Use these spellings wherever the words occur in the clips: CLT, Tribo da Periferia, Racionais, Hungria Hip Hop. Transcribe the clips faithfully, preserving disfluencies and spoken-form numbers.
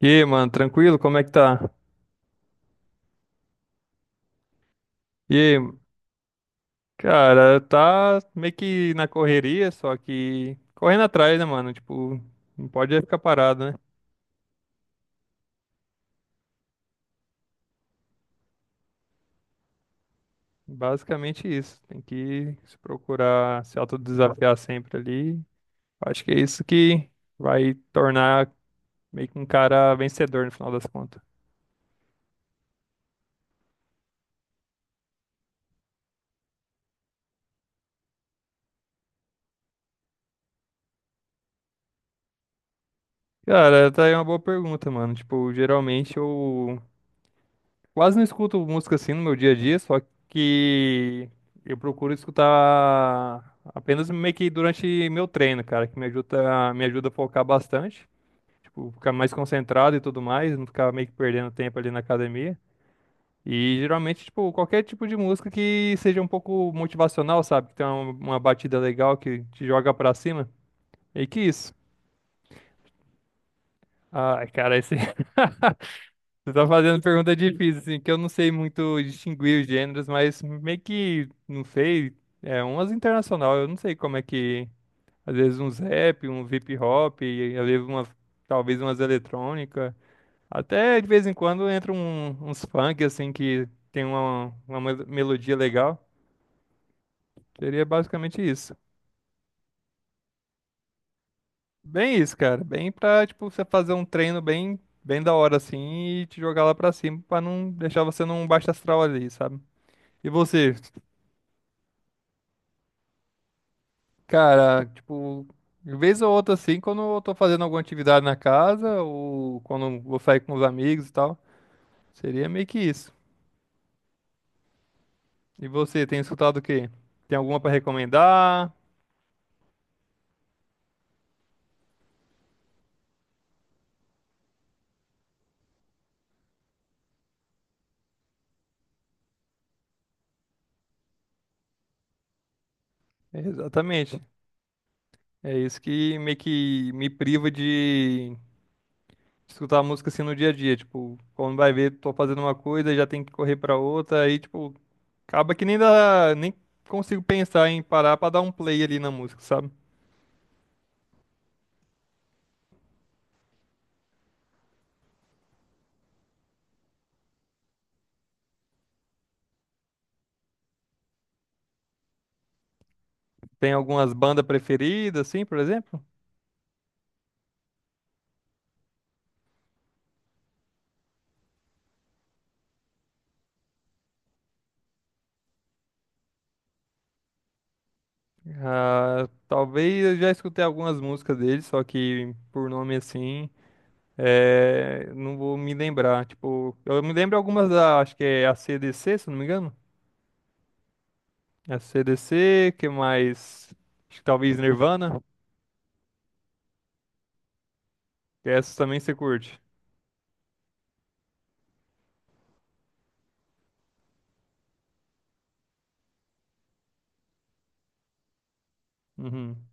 E aí, mano, tranquilo? Como é que tá? E aí, cara, tá meio que na correria, só que correndo atrás, né, mano? Tipo, não pode ficar parado, né? Basicamente isso. Tem que se procurar se autodesafiar sempre ali. Acho que é isso que vai tornar meio que um cara vencedor no final das contas. Cara, tá aí uma boa pergunta, mano. Tipo, geralmente eu quase não escuto música assim no meu dia a dia, só que eu procuro escutar apenas meio que durante meu treino, cara, que me ajuda, me ajuda a focar bastante, tipo, ficar mais concentrado e tudo mais, não ficar meio que perdendo tempo ali na academia. E geralmente, tipo, qualquer tipo de música que seja um pouco motivacional, sabe? Que tem uma, uma batida legal que te joga pra cima. E que isso. Ai, cara, esse. Você tá fazendo pergunta difícil, assim, que eu não sei muito distinguir os gêneros, mas meio que, não sei, é umas internacional, eu não sei como é que, às vezes uns rap, um hip hop, e às vezes uma, talvez umas eletrônica, até de vez em quando entra um, uns funk, assim, que tem uma, uma mel- melodia legal, seria basicamente isso. Bem isso, cara, bem pra, tipo, você fazer um treino bem, bem da hora, assim, e te jogar lá pra cima, pra não deixar você num baixo astral ali, sabe? E você? Cara, tipo, de vez ou outra assim, quando eu tô fazendo alguma atividade na casa ou quando eu vou sair com os amigos e tal, seria meio que isso. E você, tem escutado o quê? Tem alguma pra recomendar? É, exatamente. É isso que meio que me priva de escutar música assim no dia a dia, tipo, quando vai ver, tô fazendo uma coisa e já tem que correr pra outra, aí tipo, acaba que nem dá, nem consigo pensar em parar pra dar um play ali na música, sabe? Tem algumas bandas preferidas assim, por exemplo? Ah, talvez eu já escutei algumas músicas dele, só que por nome assim, é, não vou me lembrar. Tipo, eu me lembro algumas da, acho que é a C D C se eu não me engano. A C D C, que mais? Acho que talvez Nirvana. Que essas também você curte. Uhum.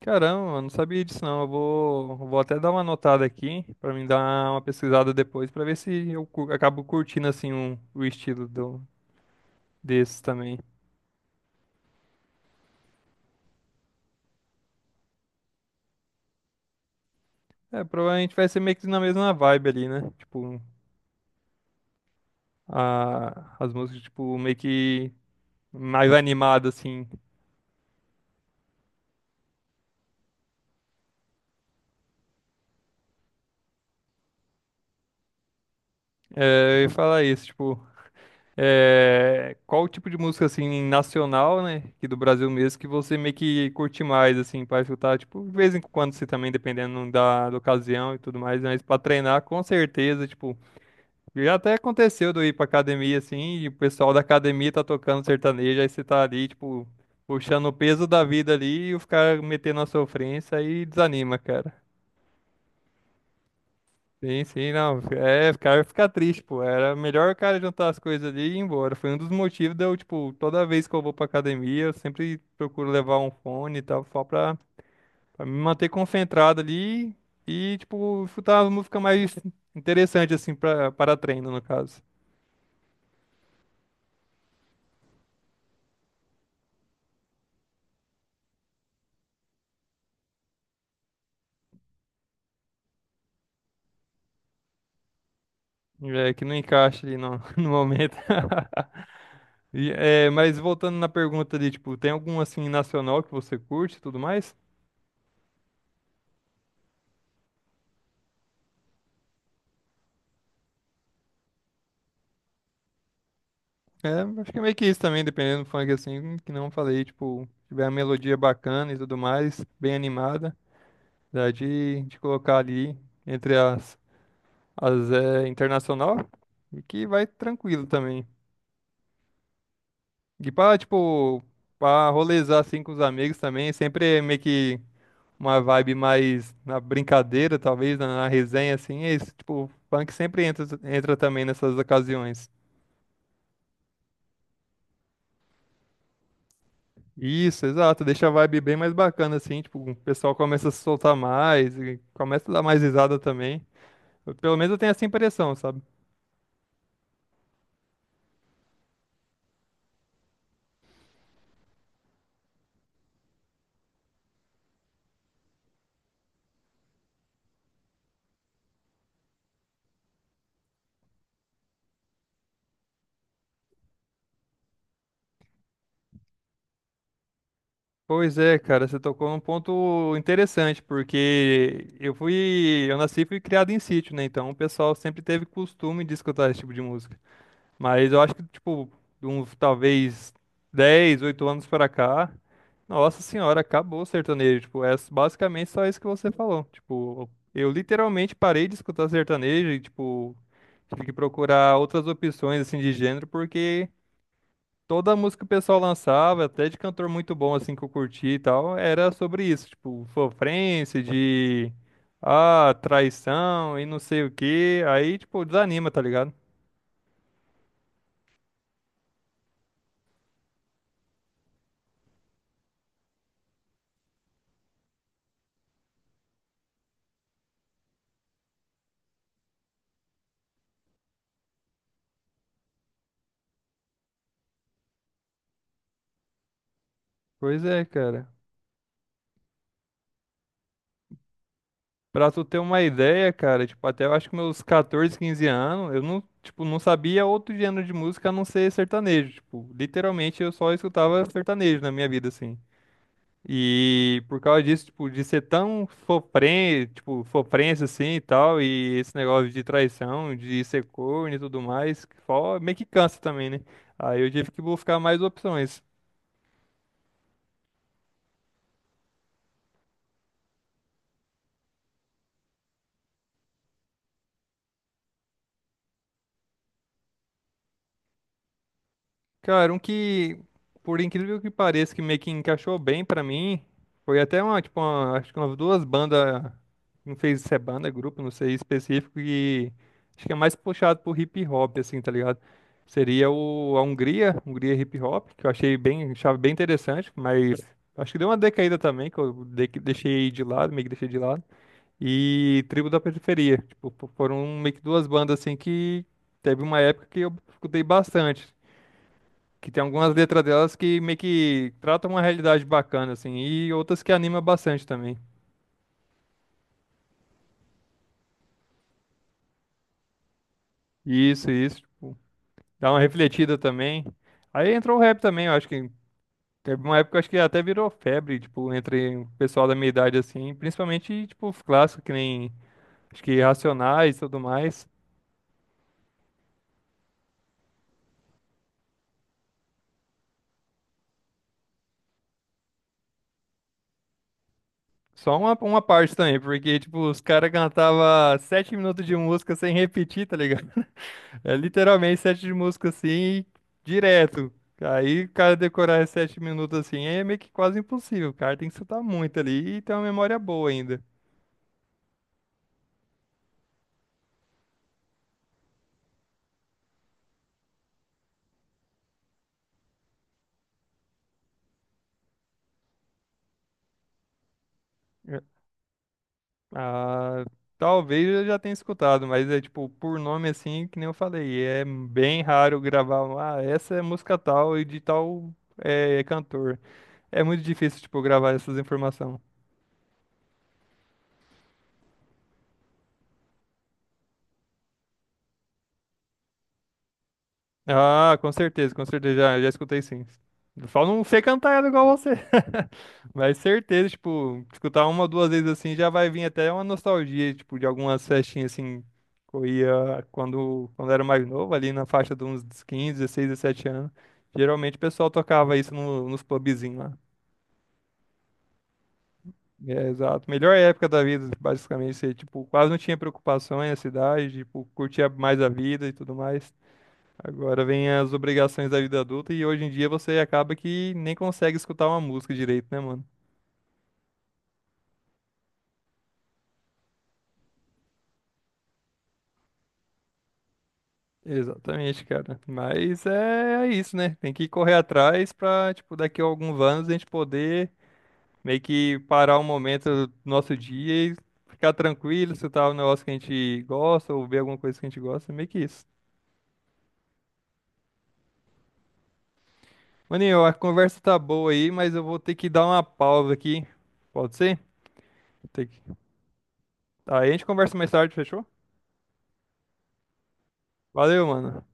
Caramba, eu não sabia disso não. Eu vou, eu vou até dar uma anotada aqui pra mim dar uma pesquisada depois pra ver se eu cu- acabo curtindo assim um- o estilo do, desses também. É, provavelmente vai ser meio que na mesma vibe ali, né? Tipo, a, as músicas, tipo, meio que mais animado, assim. É, eu ia falar isso, tipo, é, qual o tipo de música, assim, nacional, né? Que do Brasil mesmo, que você meio que curte mais, assim, pra escutar, tipo, de vez em quando, se também, dependendo da, da ocasião e tudo mais, mas pra treinar, com certeza, tipo, já até aconteceu de eu ir pra academia assim, e o pessoal da academia tá tocando sertanejo, aí você tá ali, tipo, puxando o peso da vida ali e os caras metendo a sofrência aí desanima, cara. Sim, sim, não. É, o cara fica triste, pô. Era melhor o cara juntar as coisas ali e ir embora. Foi um dos motivos de eu, tipo, toda vez que eu vou pra academia, eu sempre procuro levar um fone e tal, só pra, pra me manter concentrado ali e, tipo, escutar uma música mais interessante, assim, pra, para treino, no caso. É, que não encaixa ali no, no momento. E, é, mas voltando na pergunta ali, tipo, tem algum assim nacional que você curte e tudo mais? É, acho que é meio que isso também, dependendo do funk assim, que não falei, tipo, tiver uma melodia bacana e tudo mais, bem animada, dá de, de colocar ali entre as, as é, internacional e que vai tranquilo também. E pra, tipo, pra rolezar assim com os amigos também, sempre é meio que uma vibe mais na brincadeira, talvez, na, na resenha, assim, é isso. Tipo, o funk sempre entra, entra também nessas ocasiões. Isso, exato, deixa a vibe bem mais bacana, assim, tipo, o pessoal começa a se soltar mais, e começa a dar mais risada também. Eu- Pelo menos eu tenho essa impressão, sabe? Pois é, cara, você tocou num ponto interessante, porque eu fui, eu nasci e fui criado em sítio, né? Então o pessoal sempre teve costume de escutar esse tipo de música. Mas eu acho que, tipo, de uns talvez dez, oito anos pra cá, nossa senhora, acabou o sertanejo. Tipo, é basicamente só isso que você falou. Tipo, eu literalmente parei de escutar sertanejo e, tipo, tive que procurar outras opções, assim, de gênero, porque toda a música que o pessoal lançava, até de cantor muito bom, assim, que eu curti e tal, era sobre isso. Tipo, sofrência, de, ah, traição e não sei o quê. Aí, tipo, desanima, tá ligado? Pois é, cara. Pra tu ter uma ideia, cara, tipo, até eu acho que meus catorze, quinze anos, eu não, tipo, não sabia outro gênero de música a não ser sertanejo. Tipo, literalmente eu só escutava sertanejo na minha vida, assim. E por causa disso, tipo, de ser tão sofrência, tipo, sofrência assim e tal, e esse negócio de traição, de ser corno e tudo mais, que só meio que cansa também, né? Aí eu tive que buscar mais opções. Cara, um que, por incrível que pareça, que meio que encaixou bem pra mim, foi até uma, tipo, uma- acho que umas duas bandas, não fez se é banda, grupo, não sei, específico, e acho que é mais puxado por hip hop, assim, tá ligado? Seria o, a Hungria, Hungria Hip Hop, que eu achei bem, achava bem interessante, mas acho que deu uma decaída também, que eu de- deixei de lado, meio que deixei de lado. E Tribo da Periferia, tipo, fo- foram meio que duas bandas, assim, que teve uma época que eu escutei bastante. Que tem algumas letras delas que meio que tratam uma realidade bacana, assim, e outras que anima bastante também. Isso, isso, tipo, dá uma refletida também. Aí entrou o rap também, eu acho que teve uma época, eu acho que até virou febre, tipo, entre o pessoal da minha idade, assim, principalmente, tipo, os clássicos, que nem, acho que Racionais e tudo mais. Só uma, uma parte também, porque, tipo, os caras cantavam sete minutos de música sem repetir, tá ligado? É literalmente sete de música assim, direto. Aí o cara decorar sete minutos assim é meio que quase impossível. O cara tem que escutar muito ali e ter uma memória boa ainda. É. Ah, talvez eu já tenha escutado, mas é tipo, por nome assim, que nem eu falei, é bem raro gravar, um, ah, essa é música tal e de tal é, cantor. É muito difícil, tipo, gravar essas informações. Ah, com certeza, com certeza. Já, já escutei sim. Eu só não sei cantar ela igual você. Mas certeza, tipo, escutar uma ou duas vezes assim já vai vir até uma nostalgia, tipo, de algumas festinhas assim que eu ia quando, quando era mais novo, ali na faixa de uns quinze, dezesseis, dezessete anos. Geralmente o pessoal tocava isso no- nos pubzinhos lá. É, exato. Melhor época da vida, basicamente. Você, tipo, quase não tinha preocupações na cidade, tipo, curtia mais a vida e tudo mais. Agora vem as obrigações da vida adulta e hoje em dia você acaba que nem consegue escutar uma música direito, né, mano? Exatamente, cara. Mas é é isso, né? Tem que correr atrás pra, tipo, daqui a alguns anos a gente poder meio que parar um momento do nosso dia e ficar tranquilo, escutar um negócio que a gente gosta ou ver alguma coisa que a gente gosta, meio que isso. Maninho, a conversa tá boa aí, mas eu vou ter que dar uma pausa aqui. Pode ser? Tem que... Aí a gente conversa mais tarde, fechou? Valeu, mano.